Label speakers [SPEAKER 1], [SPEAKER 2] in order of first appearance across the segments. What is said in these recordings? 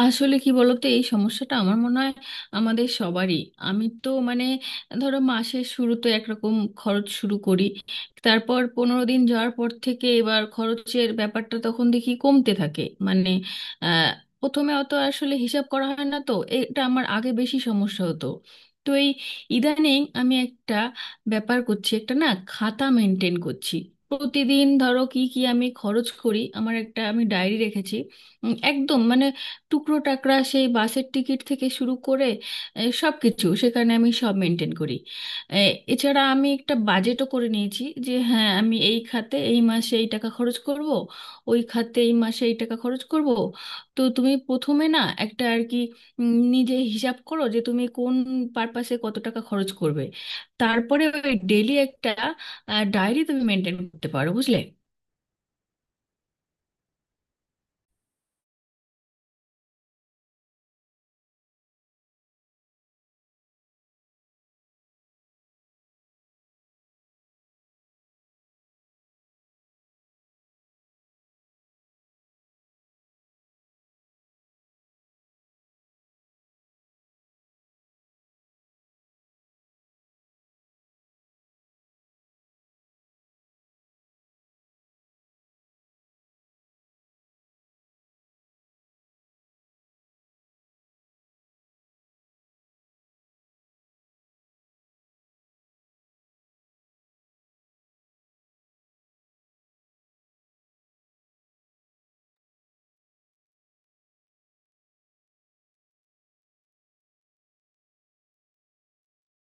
[SPEAKER 1] আসলে কি বলতো, এই সমস্যাটা আমার মনে হয় আমাদের সবারই। আমি তো মানে ধরো মাসের শুরুতে একরকম খরচ শুরু করি, তারপর 15 দিন যাওয়ার পর থেকে এবার খরচের ব্যাপারটা তখন দেখি কমতে থাকে। মানে আহ, প্রথমে অত আসলে হিসাব করা হয় না তো, এটা আমার আগে বেশি সমস্যা হতো। তো এই ইদানিং আমি একটা ব্যাপার করছি, একটা না খাতা মেনটেন করছি। প্রতিদিন ধরো কি কি আমি খরচ করি, আমার একটা আমি ডায়েরি রেখেছি। একদম মানে টুকরো টাকরা সেই বাসের টিকিট থেকে শুরু করে সব কিছু সেখানে আমি সব মেনটেন করি। এ, এছাড়া আমি একটা বাজেটও করে নিয়েছি যে হ্যাঁ আমি এই খাতে এই মাসে এই টাকা খরচ করব, ওই খাতে এই মাসে এই টাকা খরচ করব। তো তুমি প্রথমে না একটা আর কি নিজে হিসাব করো যে তুমি কোন পারপাসে কত টাকা খরচ করবে। তারপরে ওই ডেলি একটা ডায়েরি তুমি মেনটেন করতে পারো, বুঝলে।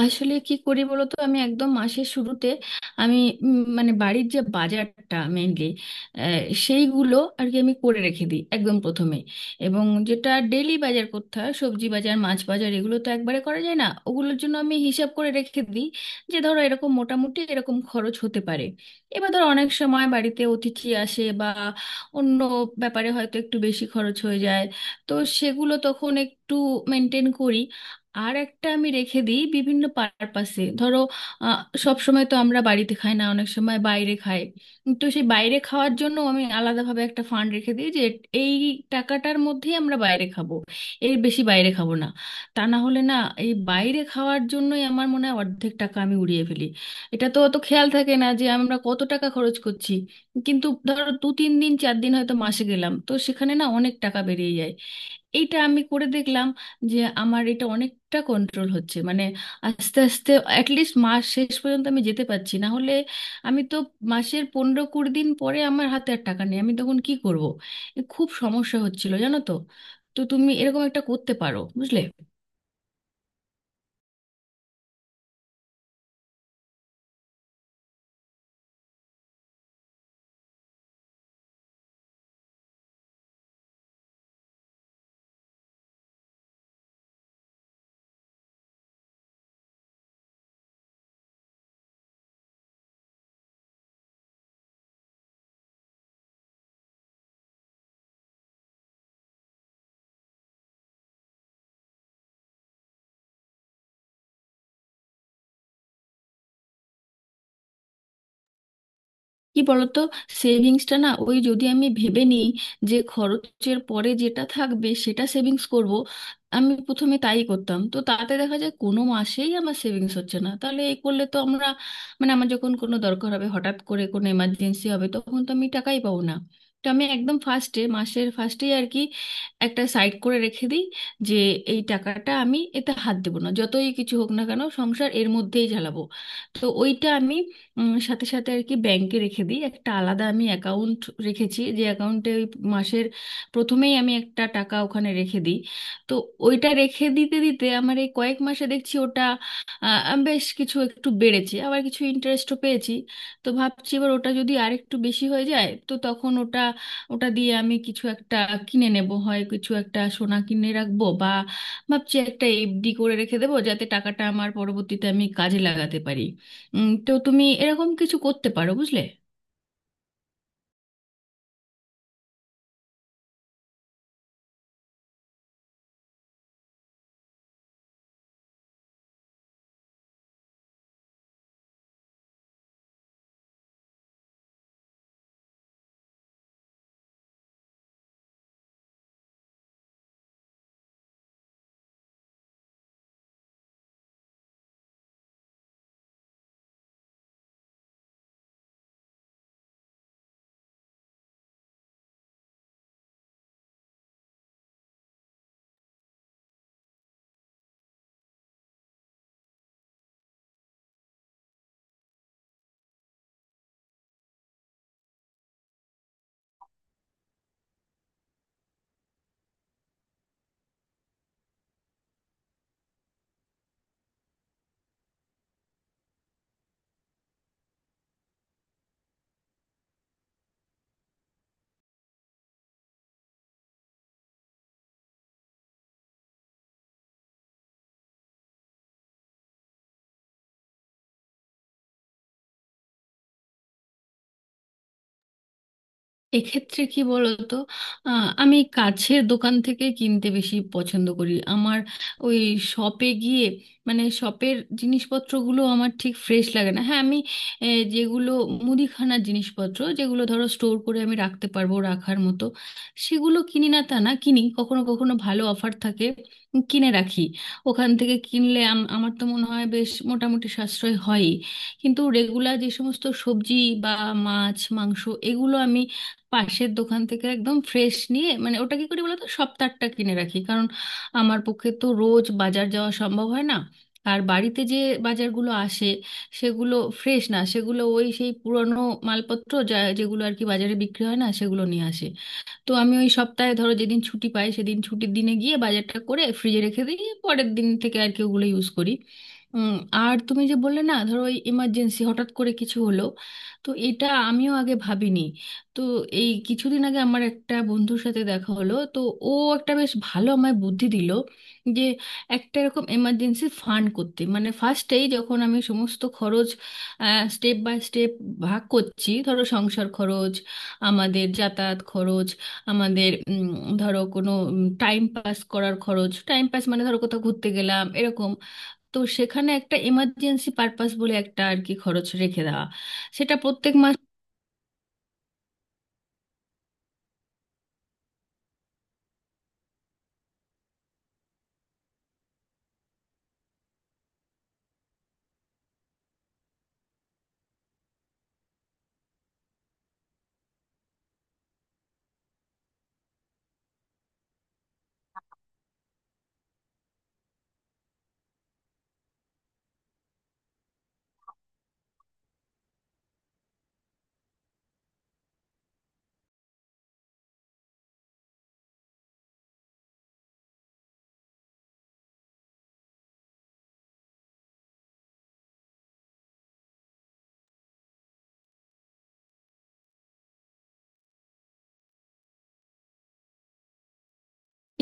[SPEAKER 1] আসলে কি করি বলতো, আমি একদম মাসের শুরুতে আমি মানে বাড়ির যে বাজারটা মেইনলি সেইগুলো আর কি আমি করে রেখে দিই একদম প্রথমে। এবং যেটা ডেলি বাজার করতে হয় সবজি বাজার মাছ বাজার, এগুলো তো একবারে করা যায় না, ওগুলোর জন্য আমি হিসাব করে রেখে দিই যে ধরো এরকম মোটামুটি এরকম খরচ হতে পারে। এবার ধরো অনেক সময় বাড়িতে অতিথি আসে বা অন্য ব্যাপারে হয়তো একটু বেশি খরচ হয়ে যায়, তো সেগুলো তখন একটু মেনটেন করি। আর একটা আমি রেখে দিই বিভিন্ন পারপাসে। ধরো আহ, সব সময় তো আমরা বাড়িতে খাই না, অনেক সময় বাইরে খাই। তো সেই বাইরে খাওয়ার জন্য আমি আলাদাভাবে একটা ফান্ড রেখে দিই যে এই টাকাটার মধ্যেই আমরা বাইরে খাবো, এর বেশি বাইরে খাবো না। তা না হলে না, এই বাইরে খাওয়ার জন্যই আমার মনে হয় অর্ধেক টাকা আমি উড়িয়ে ফেলি। এটা তো অত খেয়াল থাকে না যে আমরা কত টাকা খরচ করছি, কিন্তু ধরো 2 3 দিন 4 দিন হয়তো মাসে গেলাম, তো সেখানে না অনেক টাকা বেরিয়ে যায়। এইটা আমি করে দেখলাম যে আমার এটা অনেকটা কন্ট্রোল হচ্ছে। মানে আস্তে আস্তে অ্যাটলিস্ট মাস শেষ পর্যন্ত আমি যেতে পারছি, না হলে আমি তো মাসের 15 20 দিন পরে আমার হাতে আর টাকা নেই, আমি তখন কি করব। এ খুব সমস্যা হচ্ছিল জানো তো। তো তুমি এরকম একটা করতে পারো, বুঝলে। কি বলতো, সেভিংসটা না ওই যদি আমি ভেবে নিই যে খরচের পরে যেটা থাকবে সেটা সেভিংস করব, আমি প্রথমে তাই করতাম, তো তাতে দেখা যায় কোনো মাসেই আমার সেভিংস হচ্ছে না। তাহলে এই করলে তো আমরা মানে আমার যখন কোনো দরকার হবে, হঠাৎ করে কোনো এমার্জেন্সি হবে, তখন তো আমি টাকাই পাবো না। তো আমি একদম ফার্স্টে মাসের ফার্স্টেই আর কি একটা সাইড করে রেখে দিই যে এই টাকাটা আমি এতে হাত দেবো না, যতই কিছু হোক না কেন সংসার এর মধ্যেই চালাবো। তো ওইটা আমি সাথে সাথে আর কি ব্যাংকে রেখে দিই। একটা আলাদা আমি অ্যাকাউন্ট রেখেছি, যে অ্যাকাউন্টে ওই মাসের প্রথমেই আমি একটা টাকা ওখানে রেখে দিই। তো ওইটা রেখে দিতে দিতে আমার এই কয়েক মাসে দেখছি ওটা বেশ কিছু একটু বেড়েছে, আবার কিছু ইন্টারেস্টও পেয়েছি। তো ভাবছি এবার ওটা যদি আর একটু বেশি হয়ে যায় তো তখন ওটা ওটা দিয়ে আমি কিছু একটা কিনে নেব, হয় কিছু একটা সোনা কিনে রাখবো বা ভাবছি একটা এফডি করে রেখে দেবো, যাতে টাকাটা আমার পরবর্তীতে আমি কাজে লাগাতে পারি। তো তুমি এরকম কিছু করতে পারো, বুঝলে। এক্ষেত্রে কি বলতো, আমি কাছের দোকান থেকে কিনতে বেশি পছন্দ করি। আমার ওই শপে গিয়ে মানে শপের জিনিসপত্রগুলো আমার ঠিক ফ্রেশ লাগে না। হ্যাঁ আমি যেগুলো মুদিখানার জিনিসপত্র যেগুলো ধরো স্টোর করে আমি রাখতে পারবো, রাখার মতো সেগুলো কিনি না তা না, কিনি। কখনো কখনো ভালো অফার থাকে, কিনে রাখি। ওখান থেকে কিনলে আমার তো মনে হয় বেশ মোটামুটি সাশ্রয় হয়ই। কিন্তু রেগুলার যে সমস্ত সবজি বা মাছ মাংস, এগুলো আমি পাশের দোকান থেকে একদম ফ্রেশ নিয়ে, মানে ওটা কি করি বলতো সপ্তাহটা কিনে রাখি, কারণ আমার পক্ষে তো রোজ বাজার যাওয়া সম্ভব হয় না। আর বাড়িতে যে বাজারগুলো আসে সেগুলো ফ্রেশ না, সেগুলো ওই সেই পুরনো মালপত্র যা যেগুলো আর কি বাজারে বিক্রি হয় না সেগুলো নিয়ে আসে। তো আমি ওই সপ্তাহে ধরো যেদিন ছুটি পাই সেদিন ছুটির দিনে গিয়ে বাজারটা করে ফ্রিজে রেখে দিই, পরের দিন থেকে আর কি ওগুলো ইউজ করি। উম, আর তুমি যে বললে না ধরো ওই ইমার্জেন্সি, হঠাৎ করে কিছু হলো, তো এটা আমিও আগে ভাবিনি। তো এই কিছুদিন আগে আমার একটা বন্ধুর সাথে দেখা হলো, তো ও একটা বেশ ভালো আমায় বুদ্ধি দিল যে একটা এরকম এমার্জেন্সি ফান্ড করতে। মানে ফার্স্টেই যখন আমি সমস্ত খরচ স্টেপ বাই স্টেপ ভাগ করছি, ধরো সংসার খরচ, আমাদের যাতায়াত খরচ, আমাদের ধরো কোনো টাইম পাস করার খরচ, টাইম পাস মানে ধরো কোথাও ঘুরতে গেলাম এরকম, তো সেখানে একটা এমার্জেন্সি পারপাস বলে একটা আর কি খরচ রেখে দেওয়া, সেটা প্রত্যেক।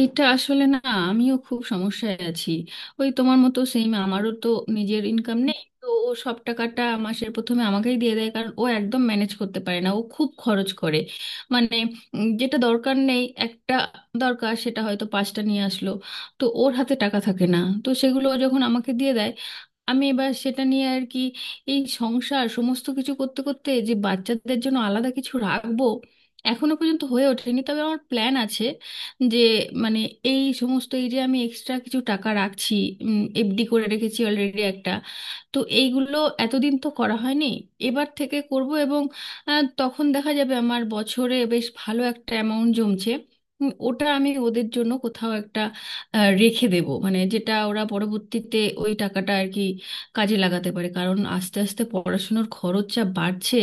[SPEAKER 1] এটা আসলে না, আমিও খুব সমস্যায় আছি। ওই তোমার মতো সেম, আমারও তো নিজের ইনকাম নেই, তো ও সব টাকাটা মাসের প্রথমে আমাকেই দিয়ে দেয়, কারণ ও একদম ম্যানেজ করতে পারে না, ও খুব খরচ করে। মানে যেটা দরকার নেই, একটা দরকার সেটা হয়তো পাঁচটা নিয়ে আসলো, তো ওর হাতে টাকা থাকে না। তো সেগুলো ও যখন আমাকে দিয়ে দেয় আমি এবার সেটা নিয়ে আর কি এই সংসার সমস্ত কিছু করতে করতে যে বাচ্চাদের জন্য আলাদা কিছু রাখবো, এখনো পর্যন্ত হয়ে ওঠেনি। তবে আমার প্ল্যান আছে যে মানে এই সমস্ত এই যে আমি এক্সট্রা কিছু টাকা রাখছি, এফডি করে রেখেছি অলরেডি একটা, তো এইগুলো এতদিন তো করা হয়নি, এবার থেকে করব। এবং তখন দেখা যাবে আমার বছরে বেশ ভালো একটা অ্যামাউন্ট জমছে। ওটা আমি ওদের জন্য কোথাও একটা রেখে দেব, মানে যেটা ওরা পরবর্তীতে ওই টাকাটা আর কি কাজে লাগাতে পারে, কারণ আস্তে আস্তে পড়াশুনোর খরচ যা বাড়ছে,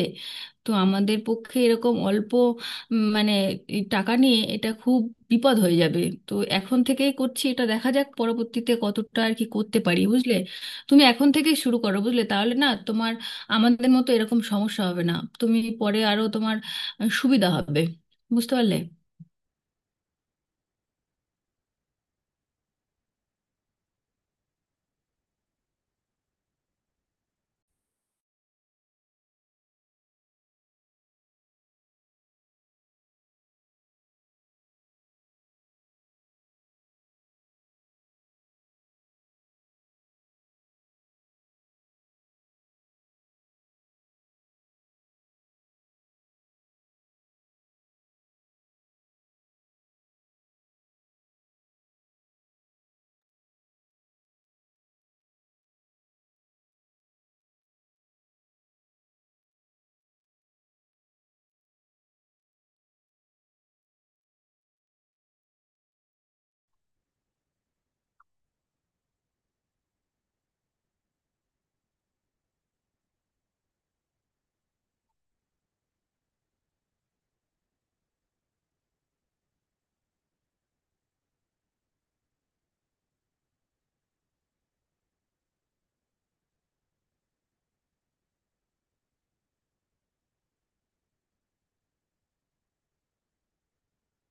[SPEAKER 1] তো আমাদের পক্ষে এরকম অল্প মানে এই টাকা নিয়ে এটা খুব বিপদ হয়ে যাবে। তো এখন থেকেই করছি, এটা দেখা যাক পরবর্তীতে কতটা আর কি করতে পারি, বুঝলে। তুমি এখন থেকেই শুরু করো বুঝলে, তাহলে না তোমার আমাদের মতো এরকম সমস্যা হবে না। তুমি পরে আরো তোমার সুবিধা হবে, বুঝতে পারলে।